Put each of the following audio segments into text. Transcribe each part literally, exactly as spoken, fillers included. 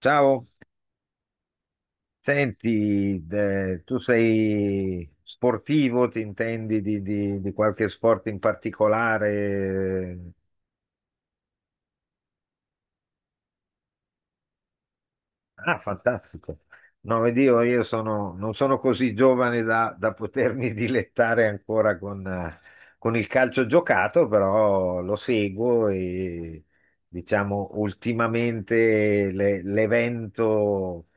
Ciao, senti, eh, tu sei sportivo, ti intendi di, di- di qualche sport in particolare? Ah, fantastico. No, vedi, io io sono, non sono così giovane da, da potermi dilettare ancora con, eh, con il calcio giocato, però lo seguo e diciamo ultimamente le- l'evento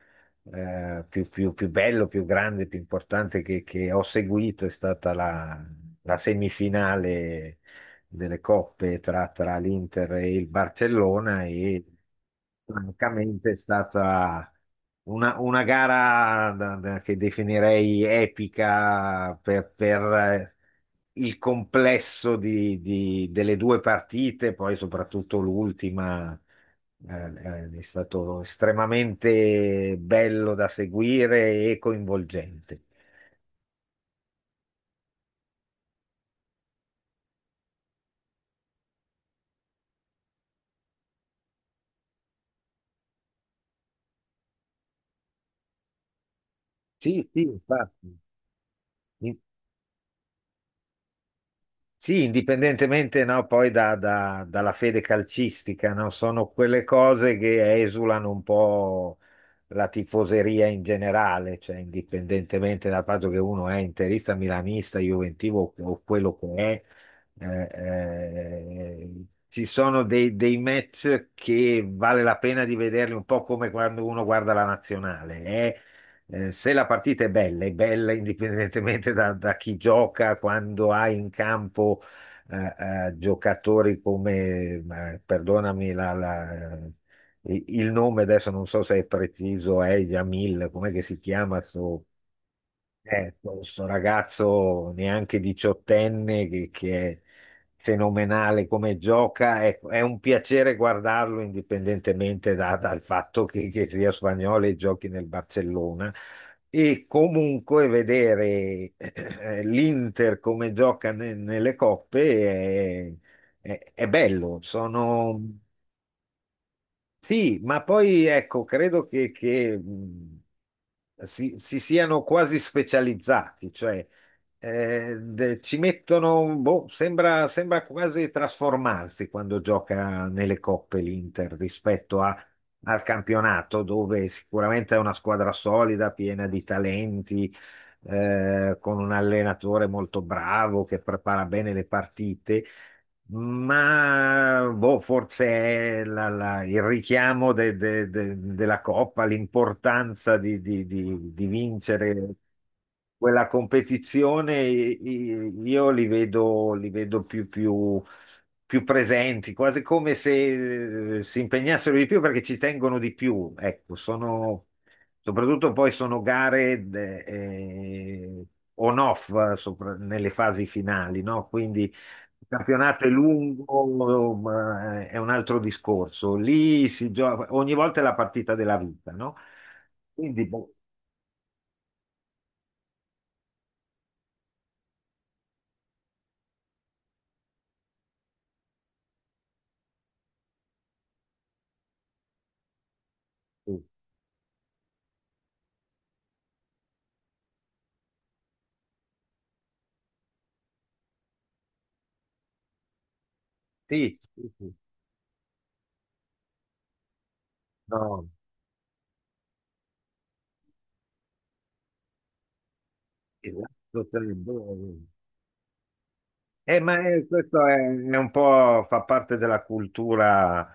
eh, più, più- più bello, più grande, più importante che, che ho seguito è stata la, la semifinale delle coppe tra, tra l'Inter e il Barcellona e francamente è stata una, una gara da- da- che definirei epica per, per, eh, il complesso di- di- delle due partite, poi soprattutto l'ultima. Eh, eh, è stato estremamente bello da seguire e coinvolgente. Sì, sì, infatti. Sì, indipendentemente no, poi da- da- dalla fede calcistica, no? Sono quelle cose che esulano un po' la tifoseria in generale, cioè indipendentemente dal fatto che uno è interista, milanista, juventivo o quello che è, eh, eh, ci sono dei, dei match che vale la pena di vederli un po' come quando uno guarda la nazionale. eh. Eh, se la partita è bella, è bella indipendentemente da, da chi gioca, quando hai in campo eh, eh, giocatori come, eh, perdonami la- la- il nome adesso non so se è preciso, è Jamil, com'è che si chiama? Eh, questo ragazzo neanche diciottenne che, che è fenomenale come gioca, è, è un piacere guardarlo indipendentemente da- dal fatto che, che sia spagnolo e giochi nel Barcellona. E comunque vedere eh, l'Inter come gioca ne- nelle coppe è, è- è bello. Sono, sì, ma poi ecco, credo che, che, mh, si, si siano quasi specializzati, cioè eh, de- ci mettono, boh, sembra, sembra quasi trasformarsi quando gioca nelle coppe l'Inter rispetto a- al campionato, dove sicuramente è una squadra solida, piena di talenti, eh, con un allenatore molto bravo che prepara bene le partite. Ma boh, forse è la- la- il richiamo de- de- de- della Coppa, l'importanza di, di- di- di vincere quella competizione, i- i- io li vedo, li vedo più, più- più presenti, quasi come se eh, si impegnassero di più perché ci tengono di più. Ecco, sono, soprattutto poi sono gare eh, on-off eh, sopra- nelle fasi finali, no? Quindi il campionato è lungo, ma è un altro discorso. Lì si gioca, ogni volta è la partita della vita, no? Quindi, boh, sì, sì, sì, no, esatto, sarebbe- Eh, ma è- questo è, è un po' fa parte della cultura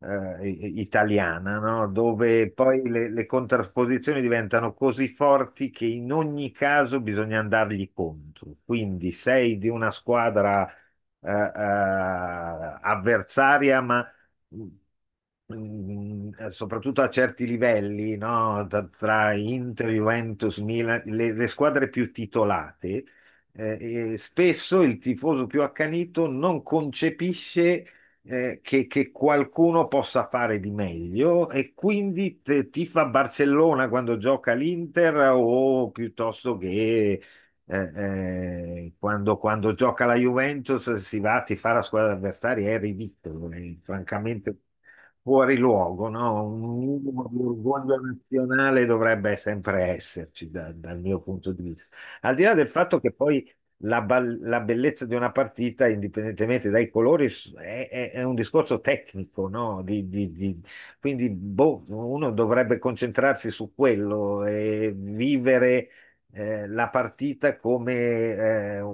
eh, i- italiana, no? Dove poi le, le contrapposizioni diventano così forti che in ogni caso bisogna andargli contro. Quindi sei di una squadra eh, eh, avversaria, ma mm, eh, soprattutto a certi livelli, no? Tra, tra Inter, Juventus, Milan, le le squadre più titolate eh, e spesso il tifoso più accanito non concepisce eh, che, che qualcuno possa fare di meglio e quindi te- tifa Barcellona quando gioca l'Inter o piuttosto che eh, eh, quando, quando gioca la Juventus si va a tifare la squadra avversaria, è ridicolo, è francamente fuori luogo, no? Un minimo di orgoglio nazionale dovrebbe sempre esserci da- dal mio punto di vista. Al di là del fatto che poi la, ba- la bellezza di una partita, indipendentemente dai colori, s- è, è- è un discorso tecnico, no? Di- di- di- quindi boh, uno dovrebbe concentrarsi su quello e vivere eh, la partita come eh, u-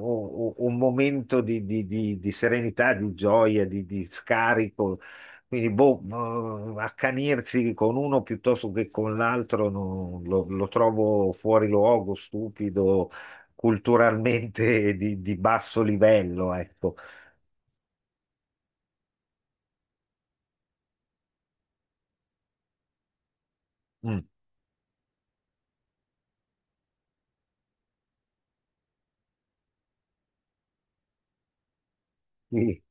u- un momento di, di- di- di serenità, di gioia, di, di scarico. Quindi, boh, eh, accanirsi con uno piuttosto che con l'altro no, lo, lo trovo fuori luogo, stupido, culturalmente di, di basso livello, ecco. Mm. Sì,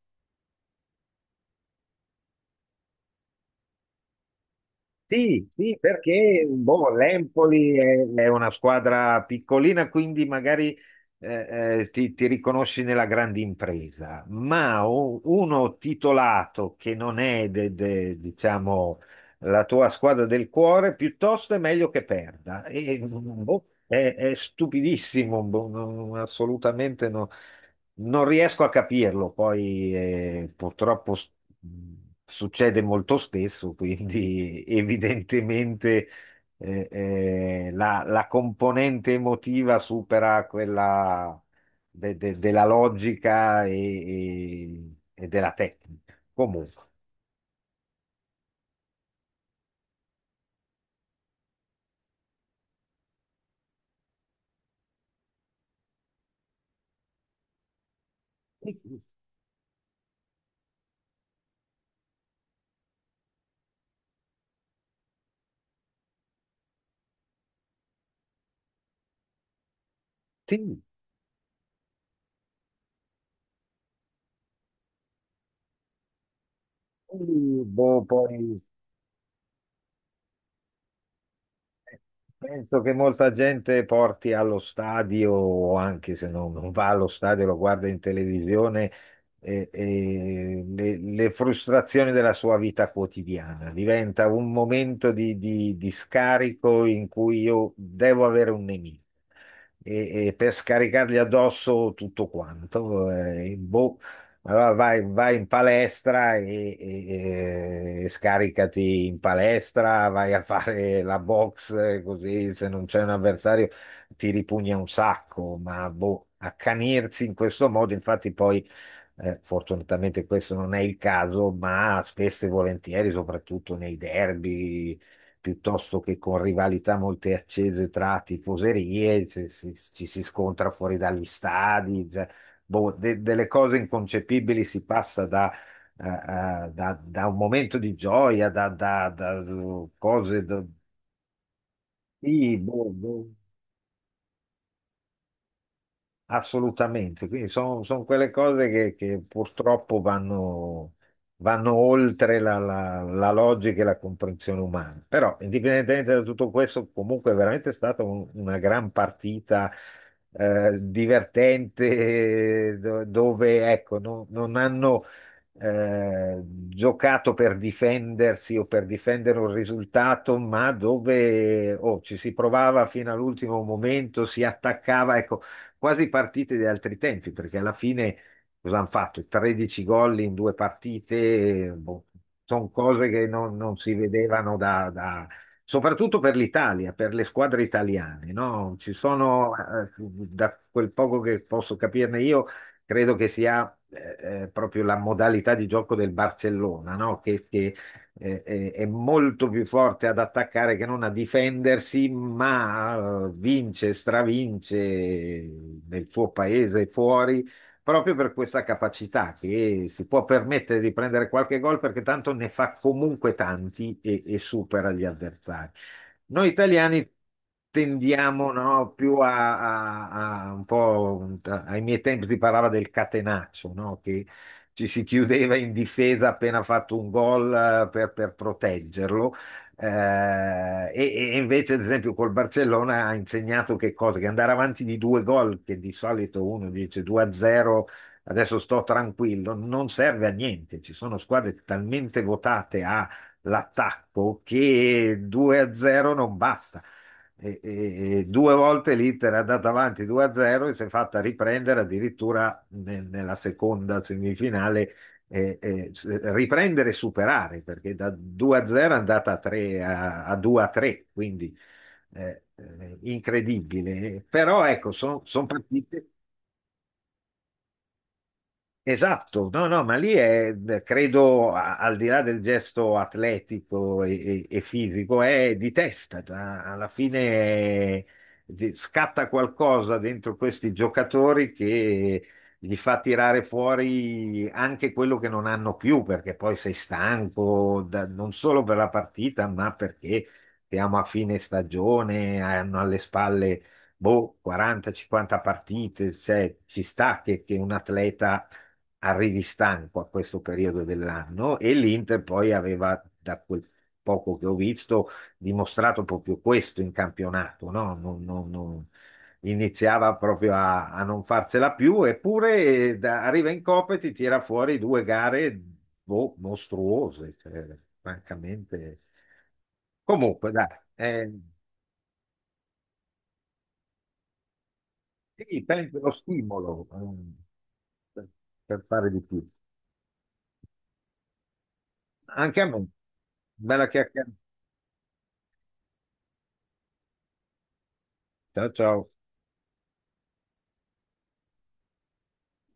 sì, sì, perché boh, l'Empoli è, è una squadra piccolina, quindi magari eh, eh, ti, ti riconosci nella grande impresa, ma o- uno titolato che non è, de- de- diciamo, la tua squadra del cuore, piuttosto è meglio che perda. E, boh, è, è stupidissimo, boh, non- assolutamente no. Non riesco a capirlo, poi eh, purtroppo s- mh, succede molto spesso, quindi evidentemente eh, eh, la, la componente emotiva supera quella de- de- della logica e, e- e della tecnica. Comunque, sì, quindi, boh, poi penso che molta gente porti allo stadio, o anche se non, non va allo stadio, lo guarda in televisione, e- e le, le frustrazioni della sua vita quotidiana. Diventa un momento di, di di scarico in cui io devo avere un nemico e, e per scaricargli addosso tutto quanto. Eh, boh, allora vai, vai in palestra e, e- e scaricati in palestra, vai a fare la box, eh, così se non c'è un avversario ti ripugna un sacco, ma boh, accanirsi in questo modo, infatti poi... eh, Fortunatamente questo non è il caso, ma spesso e volentieri, soprattutto nei derby, piuttosto che con rivalità molto accese tra tifoserie, se- se- ci si scontra fuori dagli stadi, cioè, boh, de- delle cose inconcepibili si passa da, eh, eh, da- da un momento di gioia, da, da- da uh, cose da, sì, boh, boh. Assolutamente, quindi sono quelle cose che, che purtroppo vanno, vanno oltre la, la- la logica e la comprensione umana. Però, indipendentemente da tutto questo, comunque è veramente stata un- una gran partita eh, divertente, do- dove ecco, no- non hanno eh, giocato per difendersi o per difendere un risultato, ma dove oh, ci si provava fino all'ultimo momento, si attaccava. Ecco, quasi partite di altri tempi, perché alla fine cosa hanno fatto? tredici gol in due partite, boh, sono cose che non, non si vedevano da, da- soprattutto per l'Italia, per le squadre italiane, no? Ci sono, eh, da quel poco che posso capirne io, credo che sia eh, eh, proprio la modalità di gioco del Barcellona, no? Che, che eh, eh, è molto più forte ad attaccare che non a difendersi, ma eh, vince, stravince nel suo paese e fuori proprio per questa capacità che si può permettere di prendere qualche gol perché tanto ne fa comunque tanti e, e supera gli avversari. Noi italiani tendiamo no, più a, a- a un po' un- ai miei tempi si parlava del catenaccio, no? Che ci si chiudeva in difesa appena fatto un gol eh, per, per proteggerlo. Eh, e, e invece, ad esempio, col Barcellona ha insegnato che cosa? Che andare avanti di due gol, che di solito uno dice due a zero, adesso sto tranquillo, non serve a niente. Ci sono squadre talmente votate all'attacco che due a zero non basta. E, e- e due volte l'Inter è andata avanti due a zero e si è fatta riprendere addirittura ne- nella seconda semifinale, eh, eh, s- riprendere e superare, perché da due a zero è andata a tre a, a due a tre, quindi eh, eh, incredibile. Però ecco, sono partite. Esatto, no, no, ma lì è, credo, a- al di là del gesto atletico e, e- e fisico, è di testa. da- Alla fine è- di- scatta qualcosa dentro questi giocatori che gli fa tirare fuori anche quello che non hanno più, perché poi sei stanco, da- non solo per la partita, ma perché siamo a fine stagione, hanno alle spalle, boh, quaranta a cinquanta partite, cioè, ci sta che che un atleta arrivi stanco a questo periodo dell'anno e l'Inter poi aveva, da quel poco che ho visto, dimostrato proprio questo in campionato, no? Non- non- non- Iniziava proprio a, a non farcela più, eppure eh, da- arriva in Coppa e ti tira fuori due gare boh, mostruose, cioè, francamente. Comunque, dai, eh, sì, penso lo stimolo ehm, per per fare di più. Anche a me. Bella chiacchierata. Ciao ciao.